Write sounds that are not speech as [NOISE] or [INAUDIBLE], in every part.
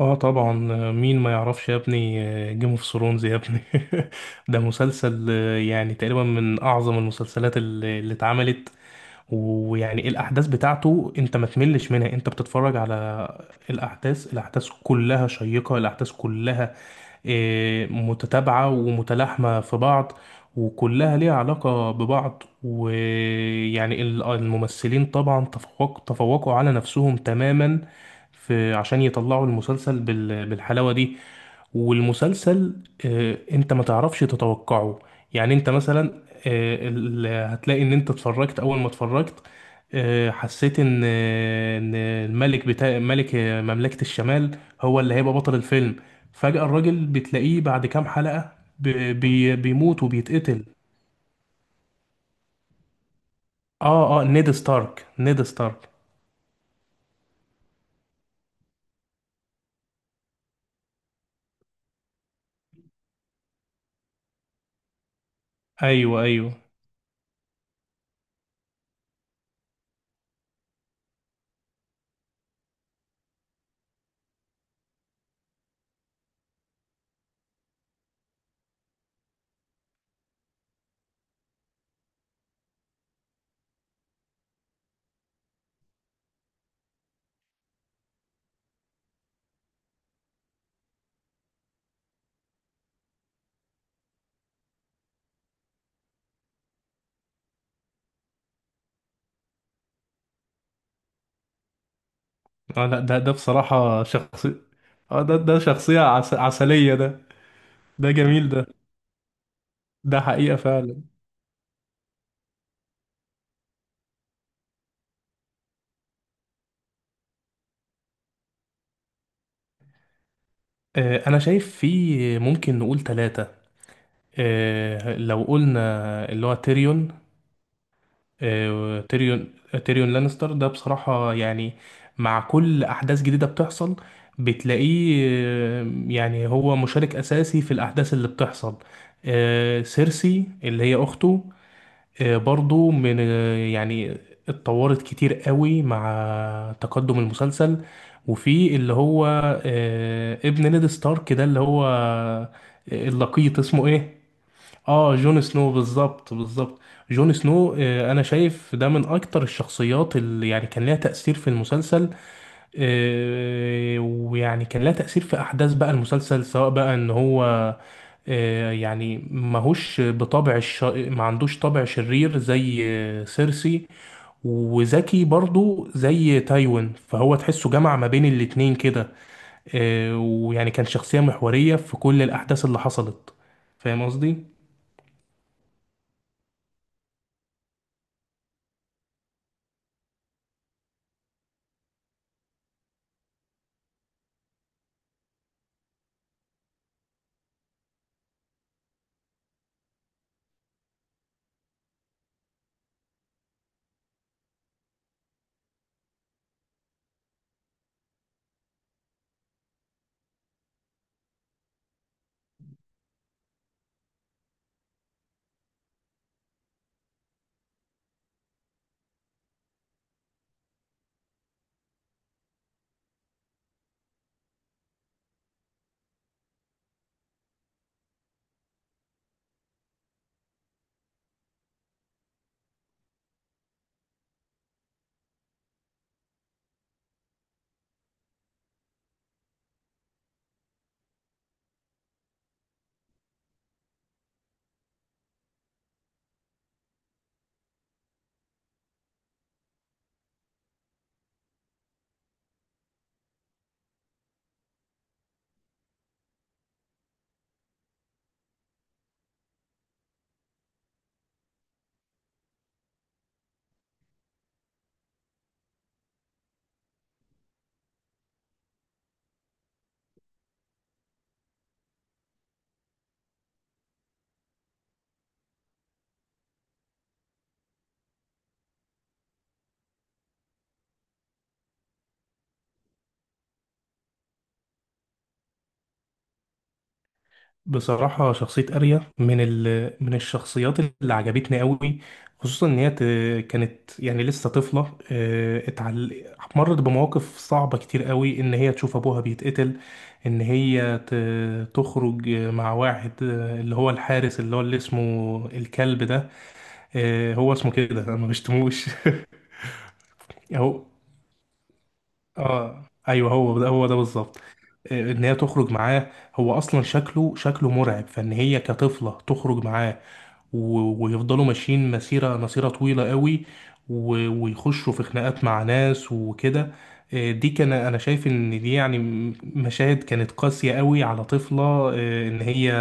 اه، طبعا. مين ما يعرفش يا ابني؟ جيم اوف ثرونز يا ابني [LAUGHS] ده مسلسل يعني تقريبا من اعظم المسلسلات اللي اتعملت. ويعني الاحداث بتاعته انت ما تملش منها، انت بتتفرج على الاحداث كلها شيقة، الاحداث كلها متتابعة ومتلاحمة في بعض، وكلها ليها علاقة ببعض. ويعني الممثلين طبعا تفوقوا على نفسهم تماما، في عشان يطلعوا المسلسل بالحلاوة دي. والمسلسل انت ما تعرفش تتوقعه. يعني انت مثلا هتلاقي ان انت اتفرجت اول ما اتفرجت حسيت ان الملك ملك مملكة الشمال هو اللي هيبقى بطل الفيلم. فجأة الراجل بتلاقيه بعد كام حلقة بيموت وبيتقتل. اه، اه، نيد ستارك نيد ستارك. ايوه ايوه. اه، لا، ده بصراحة شخصية. اه، ده شخصية عسلية ده. ده جميل ده. ده حقيقة فعلا. أنا شايف في ممكن نقول ثلاثة. لو قلنا اللي هو تيريون. آه تيريون تيريون لانستر ده بصراحة يعني مع كل أحداث جديدة بتحصل بتلاقيه. يعني هو مشارك أساسي في الأحداث اللي بتحصل. سيرسي اللي هي أخته، برضو من آه، يعني اتطورت كتير قوي مع تقدم المسلسل. وفي اللي هو ابن نيد ستارك ده، اللي هو اللقيط، اسمه ايه؟ اه، جون سنو، بالظبط بالظبط. جون سنو انا شايف ده من اكتر الشخصيات اللي يعني كان ليها تأثير في المسلسل. ويعني كان لها تأثير في أحداث بقى المسلسل، سواء بقى إن هو يعني ما عندوش طبع شرير زي سيرسي، وذكي برضو زي تايوين، فهو تحسه جمع ما بين الاتنين كده. ويعني كان شخصية محورية في كل الأحداث اللي حصلت. فاهم قصدي؟ بصراحة شخصية أريا من من الشخصيات اللي عجبتني قوي، خصوصا كانت يعني لسه طفلة. مرت بمواقف صعبة كتير قوي، إن هي تشوف أبوها بيتقتل، إن هي ت... تخرج مع واحد اللي هو الحارس، اللي هو اللي اسمه الكلب ده. هو اسمه كده، أنا مش [LAUGHS] تموش. اه ايوه، هو ده هو ده بالظبط. ان هي تخرج معاه، هو اصلا شكله مرعب، فان هي كطفله تخرج معاه، ويفضلوا ماشيين مسيره مسيره طويله قوي، ويخشوا في خناقات مع ناس وكده. دي كان انا شايف ان دي يعني مشاهد كانت قاسيه قوي على طفله، ان هي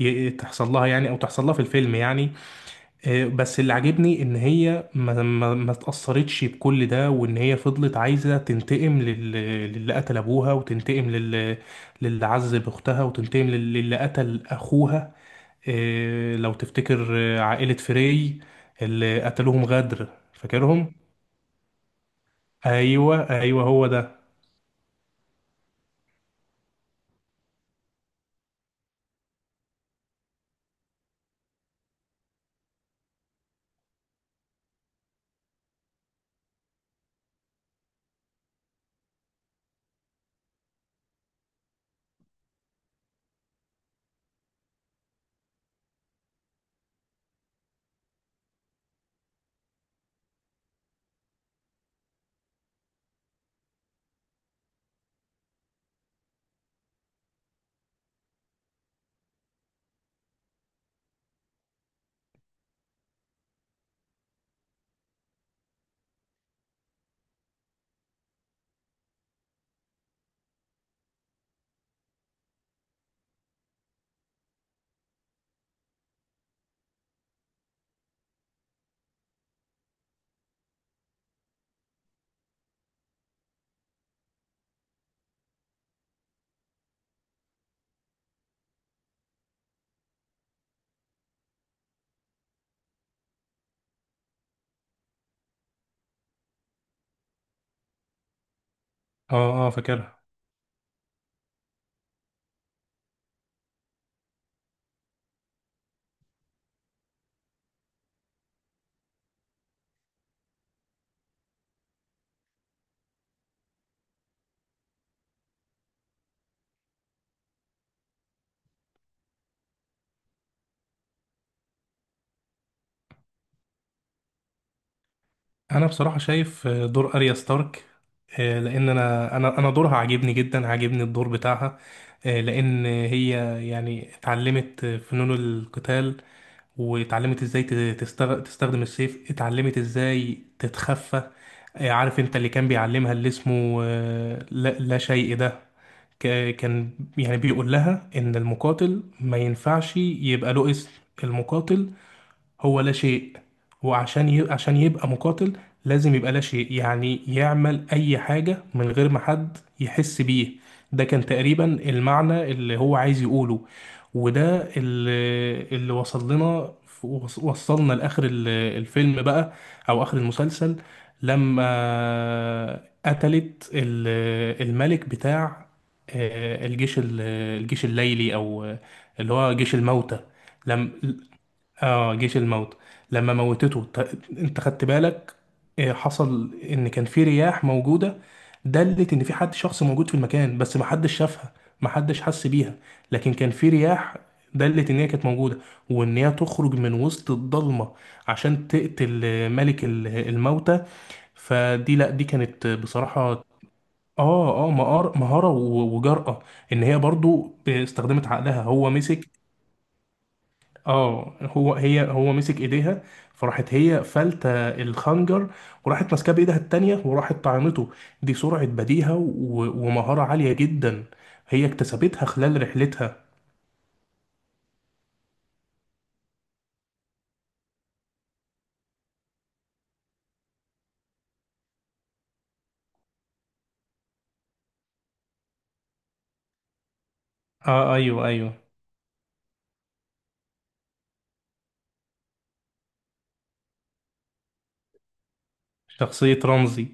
تحصل لها، يعني او تحصل لها في الفيلم يعني. بس اللي عاجبني ان هي ما اتأثرتش بكل ده، وان هي فضلت عايزة تنتقم للي قتل ابوها، وتنتقم للي عذب اختها، وتنتقم للي قتل اخوها. لو تفتكر عائلة فري اللي قتلوهم غدر. فاكرهم. ايوه ايوه، هو ده. اه اه، فاكرها. انا بصراحه شايف دور اريا ستارك، لان انا دورها عاجبني جدا، عاجبني الدور بتاعها. لان هي يعني اتعلمت فنون القتال، واتعلمت ازاي تستخدم السيف، اتعلمت ازاي تتخفى. عارف انت اللي كان بيعلمها اللي اسمه لا شيء ده؟ كان يعني بيقول لها ان المقاتل ما ينفعش يبقى له اسم. المقاتل هو لا شيء. وعشان عشان يبقى مقاتل لازم يبقى لا شيء، يعني يعمل أي حاجة من غير ما حد يحس بيه. ده كان تقريبا المعنى اللي هو عايز يقوله، وده اللي وصل لنا. وصلنا لآخر الفيلم بقى، أو آخر المسلسل، لما قتلت الملك بتاع الجيش الجيش الليلي، أو اللي هو جيش الموتى. لم اه، جيش الموت. لما موتته انت خدت بالك؟ حصل ان كان في رياح موجوده، دلت ان في حد شخص موجود في المكان، بس محدش شافها، محدش حس بيها. لكن كان في رياح دلت ان هي كانت موجوده، وان هي تخرج من وسط الضلمه عشان تقتل ملك الموتى. فدي، لا، دي كانت بصراحه اه اه مهاره وجرأة. ان هي برضو استخدمت عقلها، هو مسك، اه، هو مسك ايديها، فراحت هي فلتة الخنجر، وراحت ماسكاه بايدها التانية، وراحت طعنته. دي سرعة بديهة ومهارة عالية جدا هي اكتسبتها خلال رحلتها. اه ايوه ايوه، شخصية رمزي.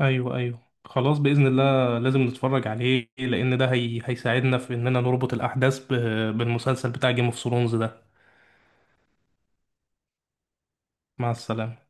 ايوه ايوه، خلاص بإذن الله لازم نتفرج عليه، لأن ده هيساعدنا في إننا نربط الأحداث بالمسلسل بتاع جيم اوف ثرونز ده. مع السلامة.